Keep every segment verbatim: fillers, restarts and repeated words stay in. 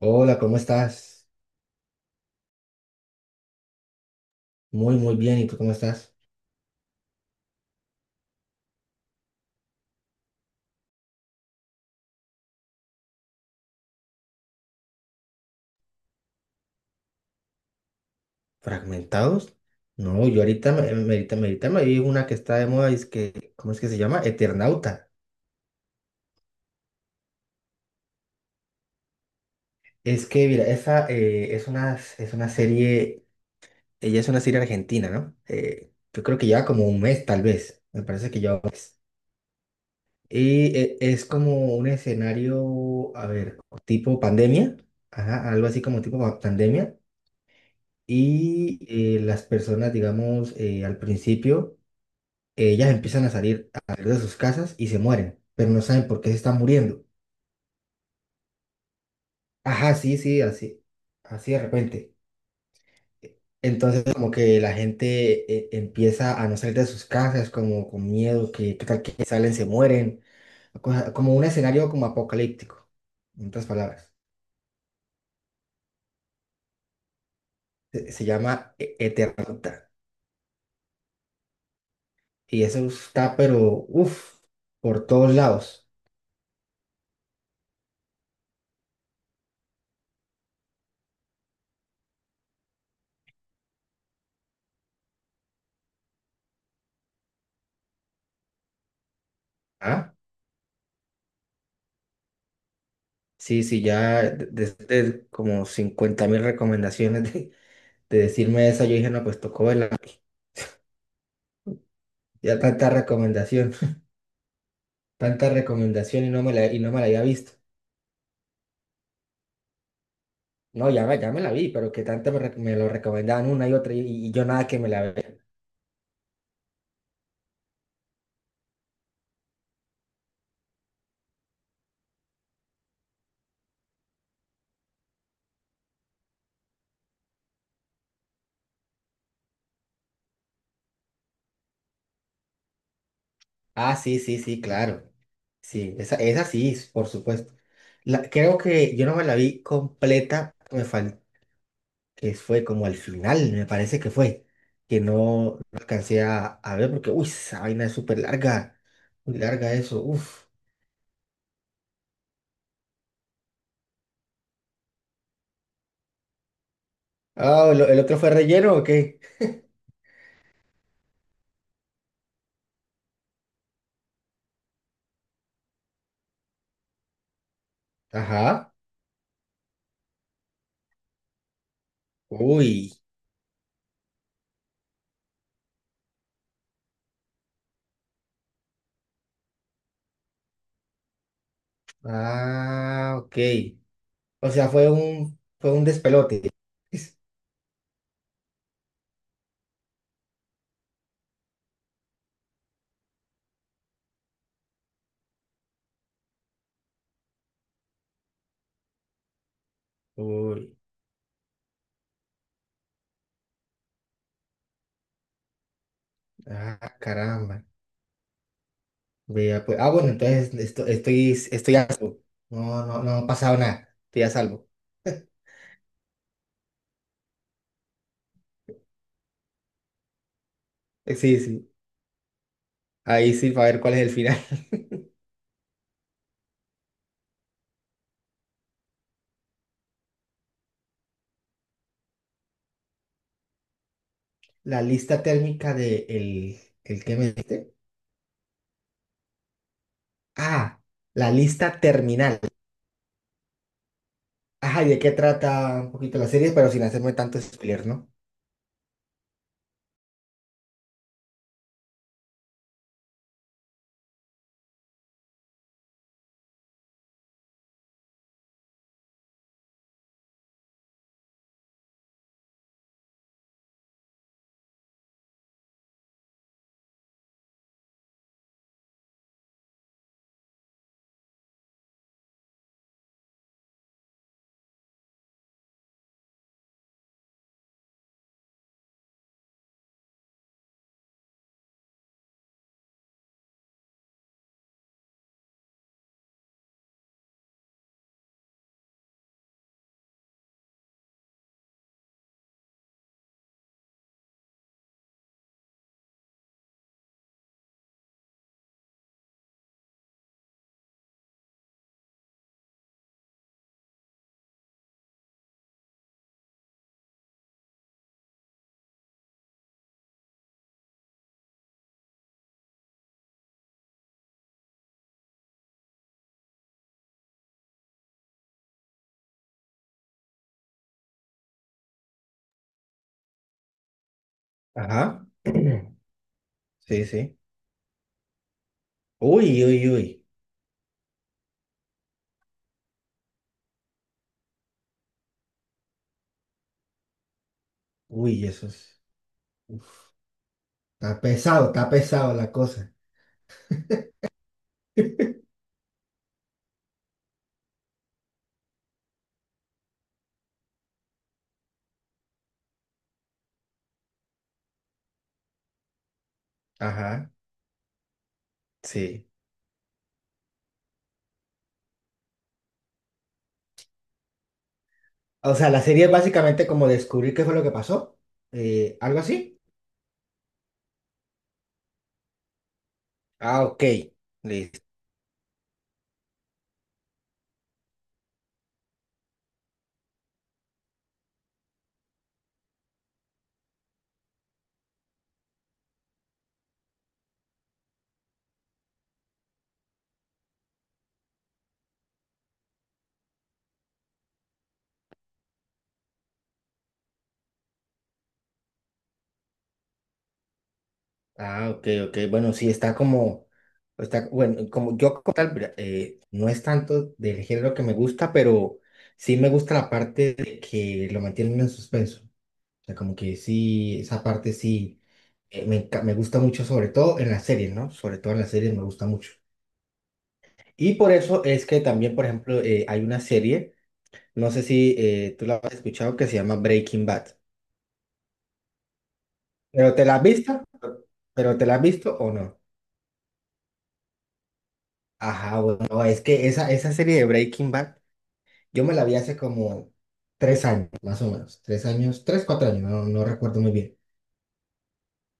Hola, ¿cómo estás? Muy, muy bien. ¿Y tú cómo estás? ¿Fragmentados? No, yo ahorita me, me- ahorita, me, ahorita me vi una que está de moda, es que, ¿cómo es que se llama? Eternauta. Es que, mira, esa eh, es una, es una serie, ella es una serie argentina, ¿no? Eh, yo creo que lleva como un mes, tal vez. Me parece que lleva un mes. Y eh, es como un escenario, a ver, tipo pandemia, ajá, algo así como tipo pa- pandemia. Y eh, las personas, digamos, eh, al principio ellas empiezan a salir, a salir de sus casas y se mueren, pero no saben por qué se están muriendo. Ajá, sí, sí, así, así de repente. Entonces como que la gente eh, empieza a no salir de sus casas, como con miedo, que qué tal que salen, se mueren, cosa- como un escenario como apocalíptico, en otras palabras. Se, se llama E- Eternauta y eso está, pero, uff, por todos lados. ¿Ah? Sí, sí, ya desde como cincuenta mil recomendaciones de, de decirme eso, yo dije, no, pues tocó verla, porque ya tanta recomendación, tanta recomendación y no me la, y no me la había visto. No, ya me, ya me la vi, pero que tanto me, re- me lo recomendaban una y otra, y, y yo nada que me la vea. Ah, sí, sí, sí, claro. Sí, esa, esa sí, por supuesto. La, creo que yo no me la vi completa, me fal- que fue como al final, me parece que fue, que no no alcancé a, a ver porque, uy, esa vaina es súper larga, muy larga eso, uff. Ah, ¿el, el otro fue relleno o qué? Ajá. Uy. Ah, ok. O sea, fue un, fue un despelote. Uy. Ah, caramba. Vea, pues. Ah, bueno, entonces esto- estoy, estoy a salvo. No, no, no ha pasado nada. Estoy a salvo. Eh, Sí, sí. Ahí sí, para ver cuál es el final. La lista térmica de el, el que me diste. Ah, la lista terminal. Ajá, ¿y de qué trata un poquito la serie? Pero sin hacerme tanto spoiler, ¿no? Ajá. Sí, sí. Uy, uy, uy. Uy, eso es. Uf, está pesado, está pesado la cosa. Ajá, sí. O sea, la serie es básicamente como descubrir qué fue lo que pasó. Eh, algo así. Ah, ok. Listo. Ah, ok, ok. Bueno, sí, está como, está, bueno, como yo como tal, mira, eh, no es tanto del género que me gusta, pero sí me gusta la parte de que lo mantienen en suspenso. O sea, como que sí, esa parte sí, eh, me, enca- me gusta mucho, sobre todo en las series, ¿no? Sobre todo en las series me gusta mucho. Y por eso es que también, por ejemplo, eh, hay una serie, no sé si eh, tú la has escuchado, que se llama Breaking Bad. ¿Pero te la has visto? ¿Pero te la has visto o no? Ajá, bueno, es que esa, esa serie de Breaking Bad, yo me la vi hace como tres años, más o menos. Tres años, tres, cuatro años, no, no recuerdo muy bien.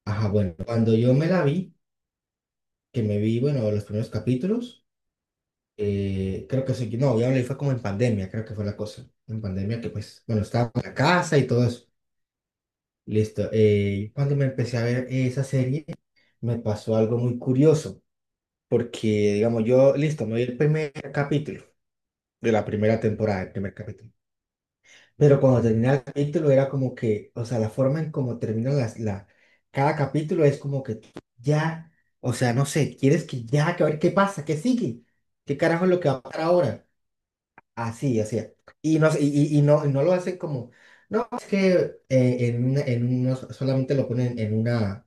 Ajá, bueno, cuando yo me la vi, que me vi, bueno, los primeros capítulos, eh, creo que sí, no, ya me la vi fue como en pandemia, creo que fue la cosa. En pandemia que, pues, bueno, estaba en la casa y todo eso. Listo. Eh, cuando me empecé a ver esa serie, me pasó algo muy curioso, porque, digamos, yo, listo, me vi el primer capítulo de la primera temporada, el primer capítulo. Pero cuando termina el capítulo era como que, o sea, la forma en cómo termina las, la, cada capítulo es como que tú ya, o sea, no sé, quieres que ya, que a ver qué pasa, qué sigue, qué carajo es lo que va a pasar ahora. Así, así. Y no, y, y- y no, y no lo hacen como, no, es que eh, en una- en uno solamente lo ponen en una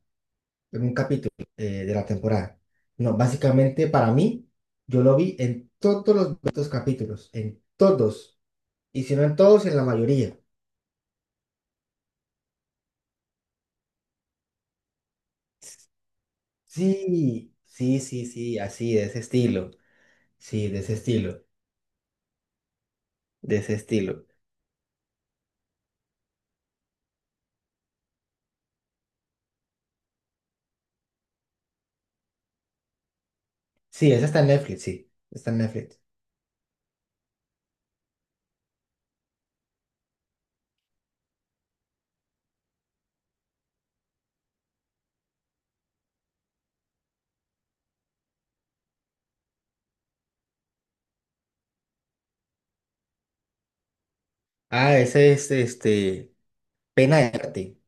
en un capítulo eh, de la temporada. No, básicamente para mí, yo lo vi en todos los doscientos capítulos, en todos, y si no en todos, en la mayoría. Sí, sí, sí, sí, así, de ese estilo. Sí, de ese estilo, de ese estilo. Sí, esa está en Netflix, sí, está en Netflix. Ah, ese es este, Pena de Arte.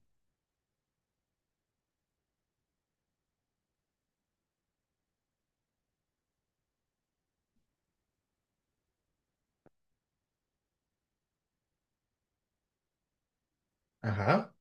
Ajá.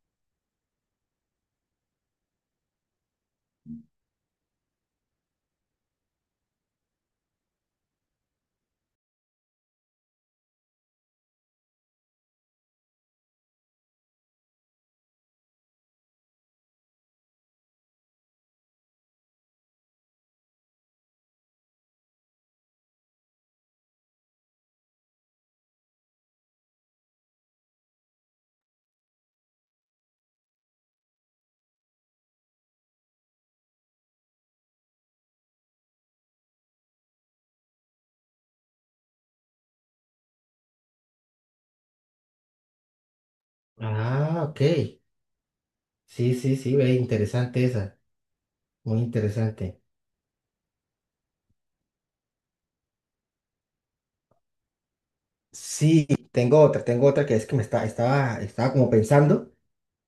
Ah, ok. Sí, sí, sí, ve, interesante esa, muy interesante. Sí, tengo otra, tengo otra que es que me está, estaba, estaba como pensando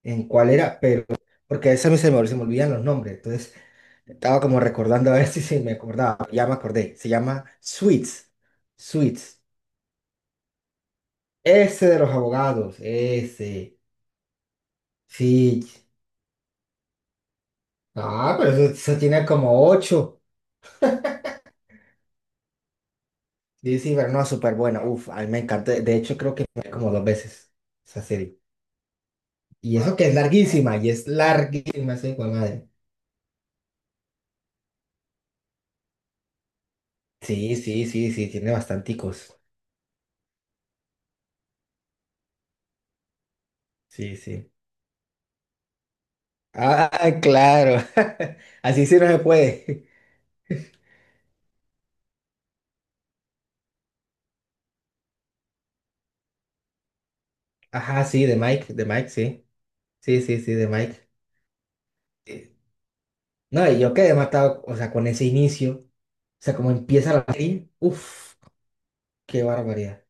en cuál era, pero porque a veces a mí se me, se me olvidan los nombres, entonces estaba como recordando a ver si, si me acordaba, ya me acordé, se llama Sweets, Sweets, ese de los abogados, ese, sí, ah, pero eso, eso tiene como ocho, dice pero no, súper buena, uf, a mí me encanta, de hecho creo que me vi como dos veces esa serie, y eso que es larguísima, y es larguísima esa hijo de madre. Sí, sí, sí, sí, tiene bastanticos. Sí, sí. Ah, claro. Así sí no se puede. Ajá, sí, de Mike, de Mike, sí. Sí, sí, sí, de Mike. Eh, No, y yo quedé matado, o sea, con ese inicio. O sea, como empieza la serie. Uf, qué barbaridad.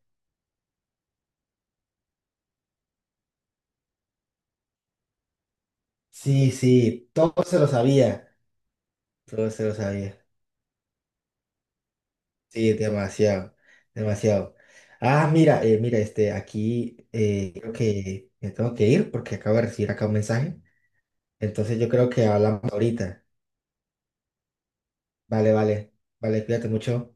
Sí, sí, todo se lo sabía. Todo se lo sabía. Sí, demasiado, demasiado. Ah, mira, eh, mira, este, aquí eh, creo que me tengo que ir porque acabo de recibir acá un mensaje. Entonces yo creo que hablamos ahorita. Vale, vale, vale, cuídate mucho.